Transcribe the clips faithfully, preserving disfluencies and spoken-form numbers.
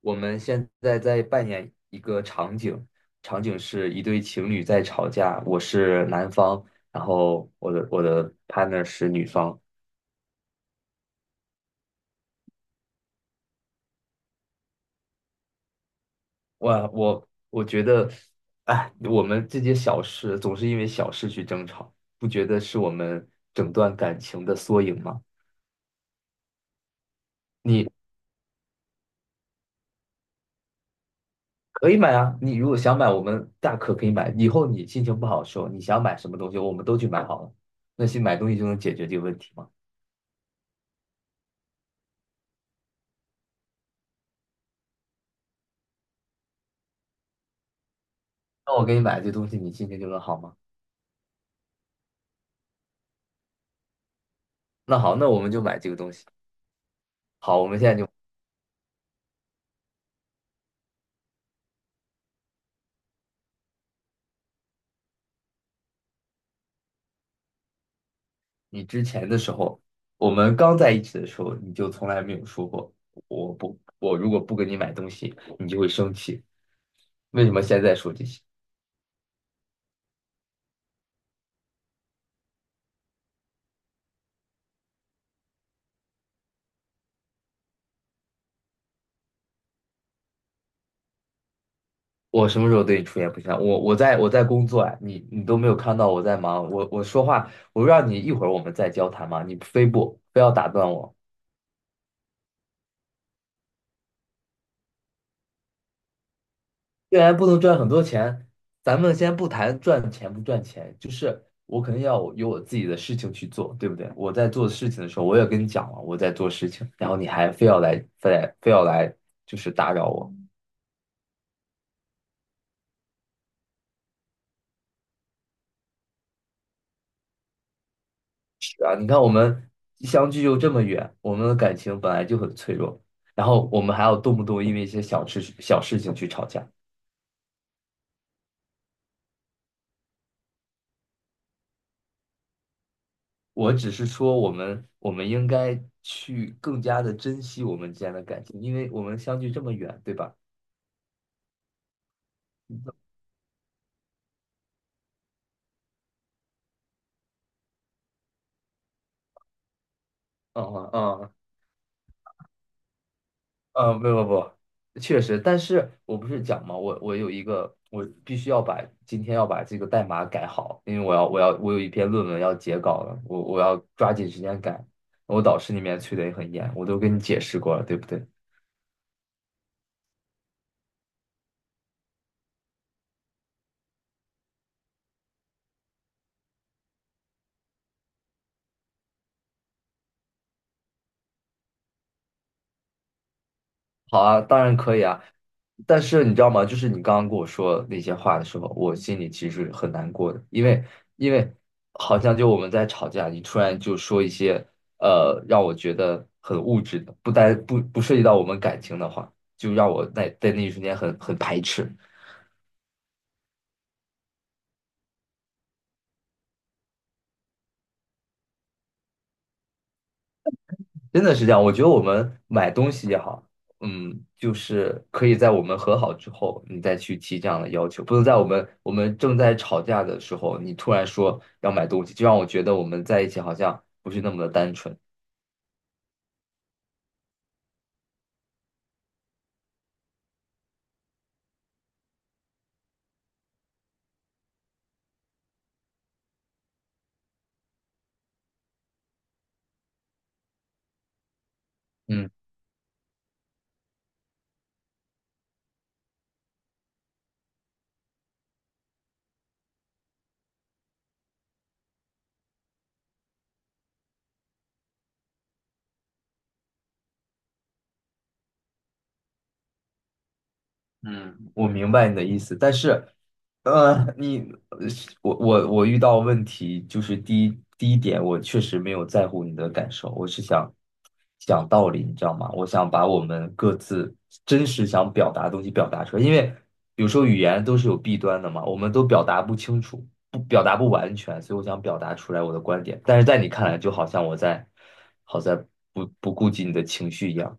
我们现在在扮演一个场景，场景是一对情侣在吵架，我是男方，然后我的我的 partner 是女方。我我我觉得，哎，我们这些小事总是因为小事去争吵，不觉得是我们整段感情的缩影吗？你可以买啊，你如果想买，我们大可可以买。以后你心情不好的时候，你想买什么东西，我们都去买好了。那些买东西就能解决这个问题吗？那我给你买这东西，你心情就能好吗？那好，那我们就买这个东西。好，我们现在就，你之前的时候，我们刚在一起的时候，你就从来没有说过，我不，我如果不给你买东西，你就会生气。为什么现在说这些？我什么时候对你出言不逊了？我我在我在工作啊，你你都没有看到我在忙，我我说话，我让你一会儿我们再交谈嘛，你非不非要打断我。既然不能赚很多钱，咱们先不谈赚钱不赚钱，就是我肯定要有我自己的事情去做，对不对？我在做事情的时候，我也跟你讲了我在做事情，然后你还非要来，非来非要来，就是打扰我。是啊，你看我们相距又这么远，我们的感情本来就很脆弱，然后我们还要动不动因为一些小事小事情去吵架。我只是说，我们我们应该去更加的珍惜我们之间的感情，因为我们相距这么远，对吧？嗯嗯嗯，呃，不不不，确实，但是我不是讲嘛，我我有一个，我必须要把今天要把这个代码改好，因为我要我要我有一篇论文要截稿了，我我要抓紧时间改。我导师那边催的也很严，我都跟你解释过了，对不对？好啊，当然可以啊，但是你知道吗？就是你刚刚跟我说那些话的时候，我心里其实很难过的，因为因为好像就我们在吵架，你突然就说一些呃让我觉得很物质的，不单不不涉及到我们感情的话，就让我在在那一瞬间很很排斥。真的是这样，我觉得我们买东西也好，嗯，就是可以在我们和好之后，你再去提这样的要求，不能在我们我们正在吵架的时候，你突然说要买东西，就让我觉得我们在一起好像不是那么的单纯。嗯。嗯我明白你的意思，但是，呃，你我我我遇到问题就是第一第一点，我确实没有在乎你的感受，我是想讲道理，你知道吗？我想把我们各自真实想表达的东西表达出来，因为有时候语言都是有弊端的嘛，我们都表达不清楚，不表达不完全，所以我想表达出来我的观点，但是在你看来，就好像我在好在不不顾及你的情绪一样。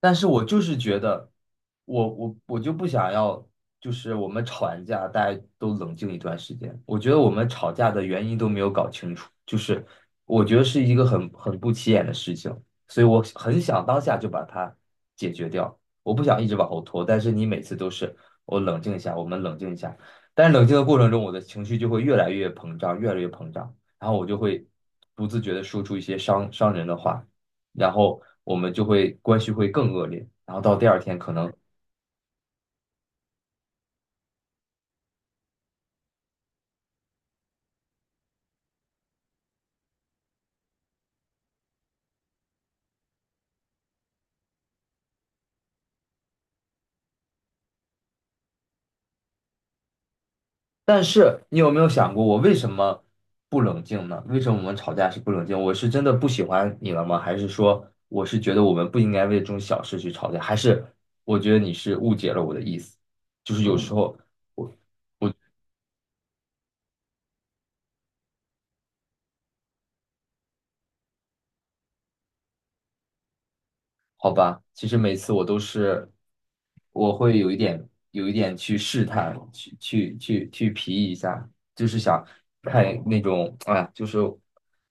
但是我就是觉得，我我我就不想要，就是我们吵完架，大家都冷静一段时间。我觉得我们吵架的原因都没有搞清楚，就是我觉得是一个很很不起眼的事情，所以我很想当下就把它解决掉。我不想一直往后拖，但是你每次都是我冷静一下，我们冷静一下，但是冷静的过程中，我的情绪就会越来越膨胀，越来越膨胀，然后我就会不自觉的说出一些伤伤人的话。然后我们就会关系会更恶劣，然后到第二天可能，但是你有没有想过我为什么不冷静呢？为什么我们吵架是不冷静？我是真的不喜欢你了吗？还是说我是觉得我们不应该为这种小事去吵架？还是我觉得你是误解了我的意思？就是有时候我我。好吧，其实每次我都是，我会有一点有一点去试探，去去去去皮一下，就是想看那种，哎呀，就是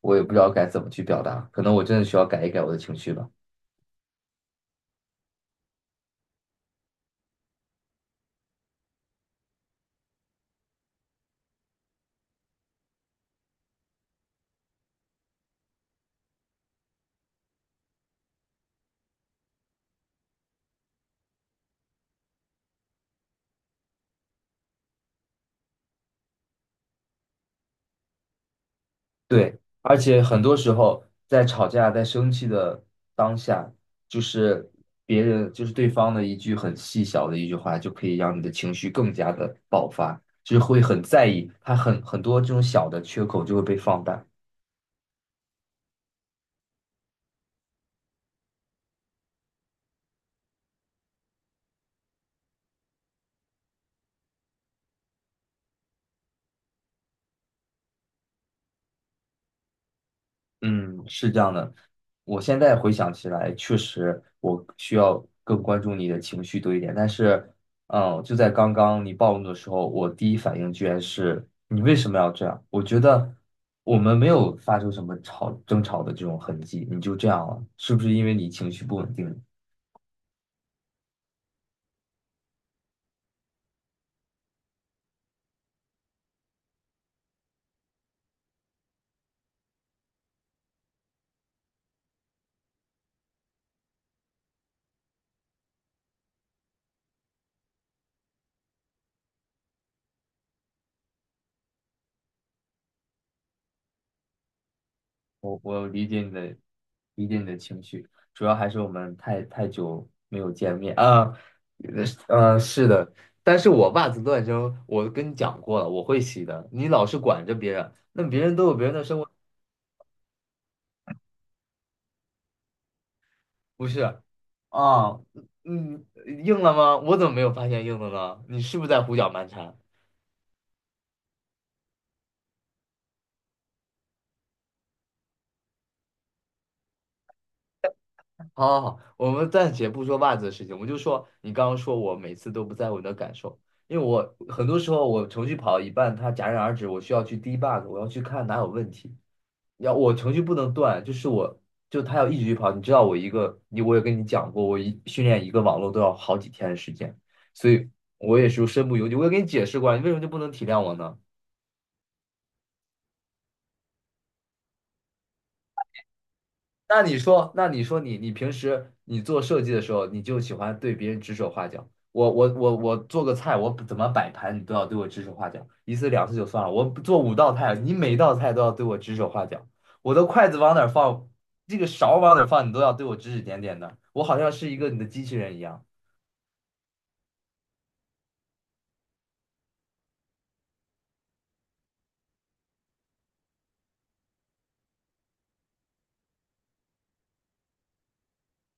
我也不知道该怎么去表达，可能我真的需要改一改我的情绪吧。对，而且很多时候在吵架、在生气的当下，就是别人就是对方的一句很细小的一句话，就可以让你的情绪更加的爆发，就是会很在意，他很很多这种小的缺口就会被放大。嗯，是这样的。我现在回想起来，确实我需要更关注你的情绪多一点。但是，嗯，就在刚刚你暴怒的时候，我第一反应居然是你为什么要这样？我觉得我们没有发生什么吵争吵的这种痕迹，你就这样了，是不是因为你情绪不稳定？我我理解你的理解你的情绪，主要还是我们太太久没有见面啊，呃，呃是的，但是我袜子乱扔，我跟你讲过了，我会洗的。你老是管着别人，那别人都有别人的生活，不是啊？嗯，嗯硬了吗？我怎么没有发现硬的呢？你是不是在胡搅蛮缠？好好好，我们暂且不说袜子的事情，我们就说你刚刚说我每次都不在乎你的感受，因为我很多时候我程序跑到一半，它戛然而止，我需要去 debug，我要去看哪有问题。要我程序不能断，就是我就它要一直去跑。你知道我一个，你我也跟你讲过，我一训练一个网络都要好几天的时间，所以我也是身不由己。我也跟你解释过了，你为什么就不能体谅我呢？那你说，那你说你你平时你做设计的时候，你就喜欢对别人指手画脚。我我我我做个菜，我怎么摆盘，你都要对我指手画脚，一次两次就算了。我做五道菜，你每道菜都要对我指手画脚。我的筷子往哪儿放，这个勺往哪儿放，你都要对我指指点点的。我好像是一个你的机器人一样。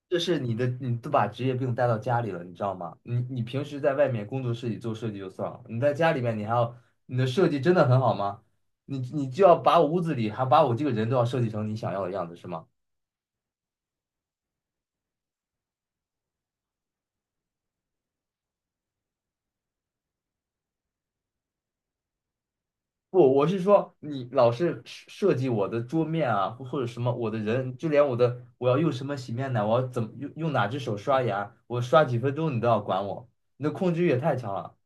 这是你的，你都把职业病带到家里了，你知道吗？你你平时在外面工作室里做设计就算了，你在家里面你还要，你的设计真的很好吗？你你就要把屋子里还把我这个人都要设计成你想要的样子是吗？不，我是说你老是设设计我的桌面啊，或或者什么我的人，就连我的我要用什么洗面奶，我要怎么用用哪只手刷牙，我刷几分钟你都要管我，你的控制欲也太强了。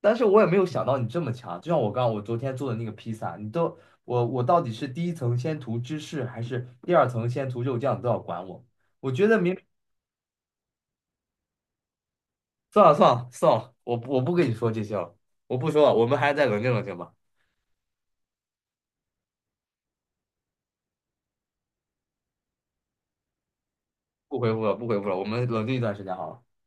但是我也没有想到你这么强，就像我刚刚我昨天做的那个披萨，你都我我到底是第一层先涂芝士，还是第二层先涂肉酱，你都要管我。我觉得明算了算了算了，我不我不跟你说这些了，我不说了，我们还是再冷静冷静吧，不回复了不回复了，我们冷静一段时间好了。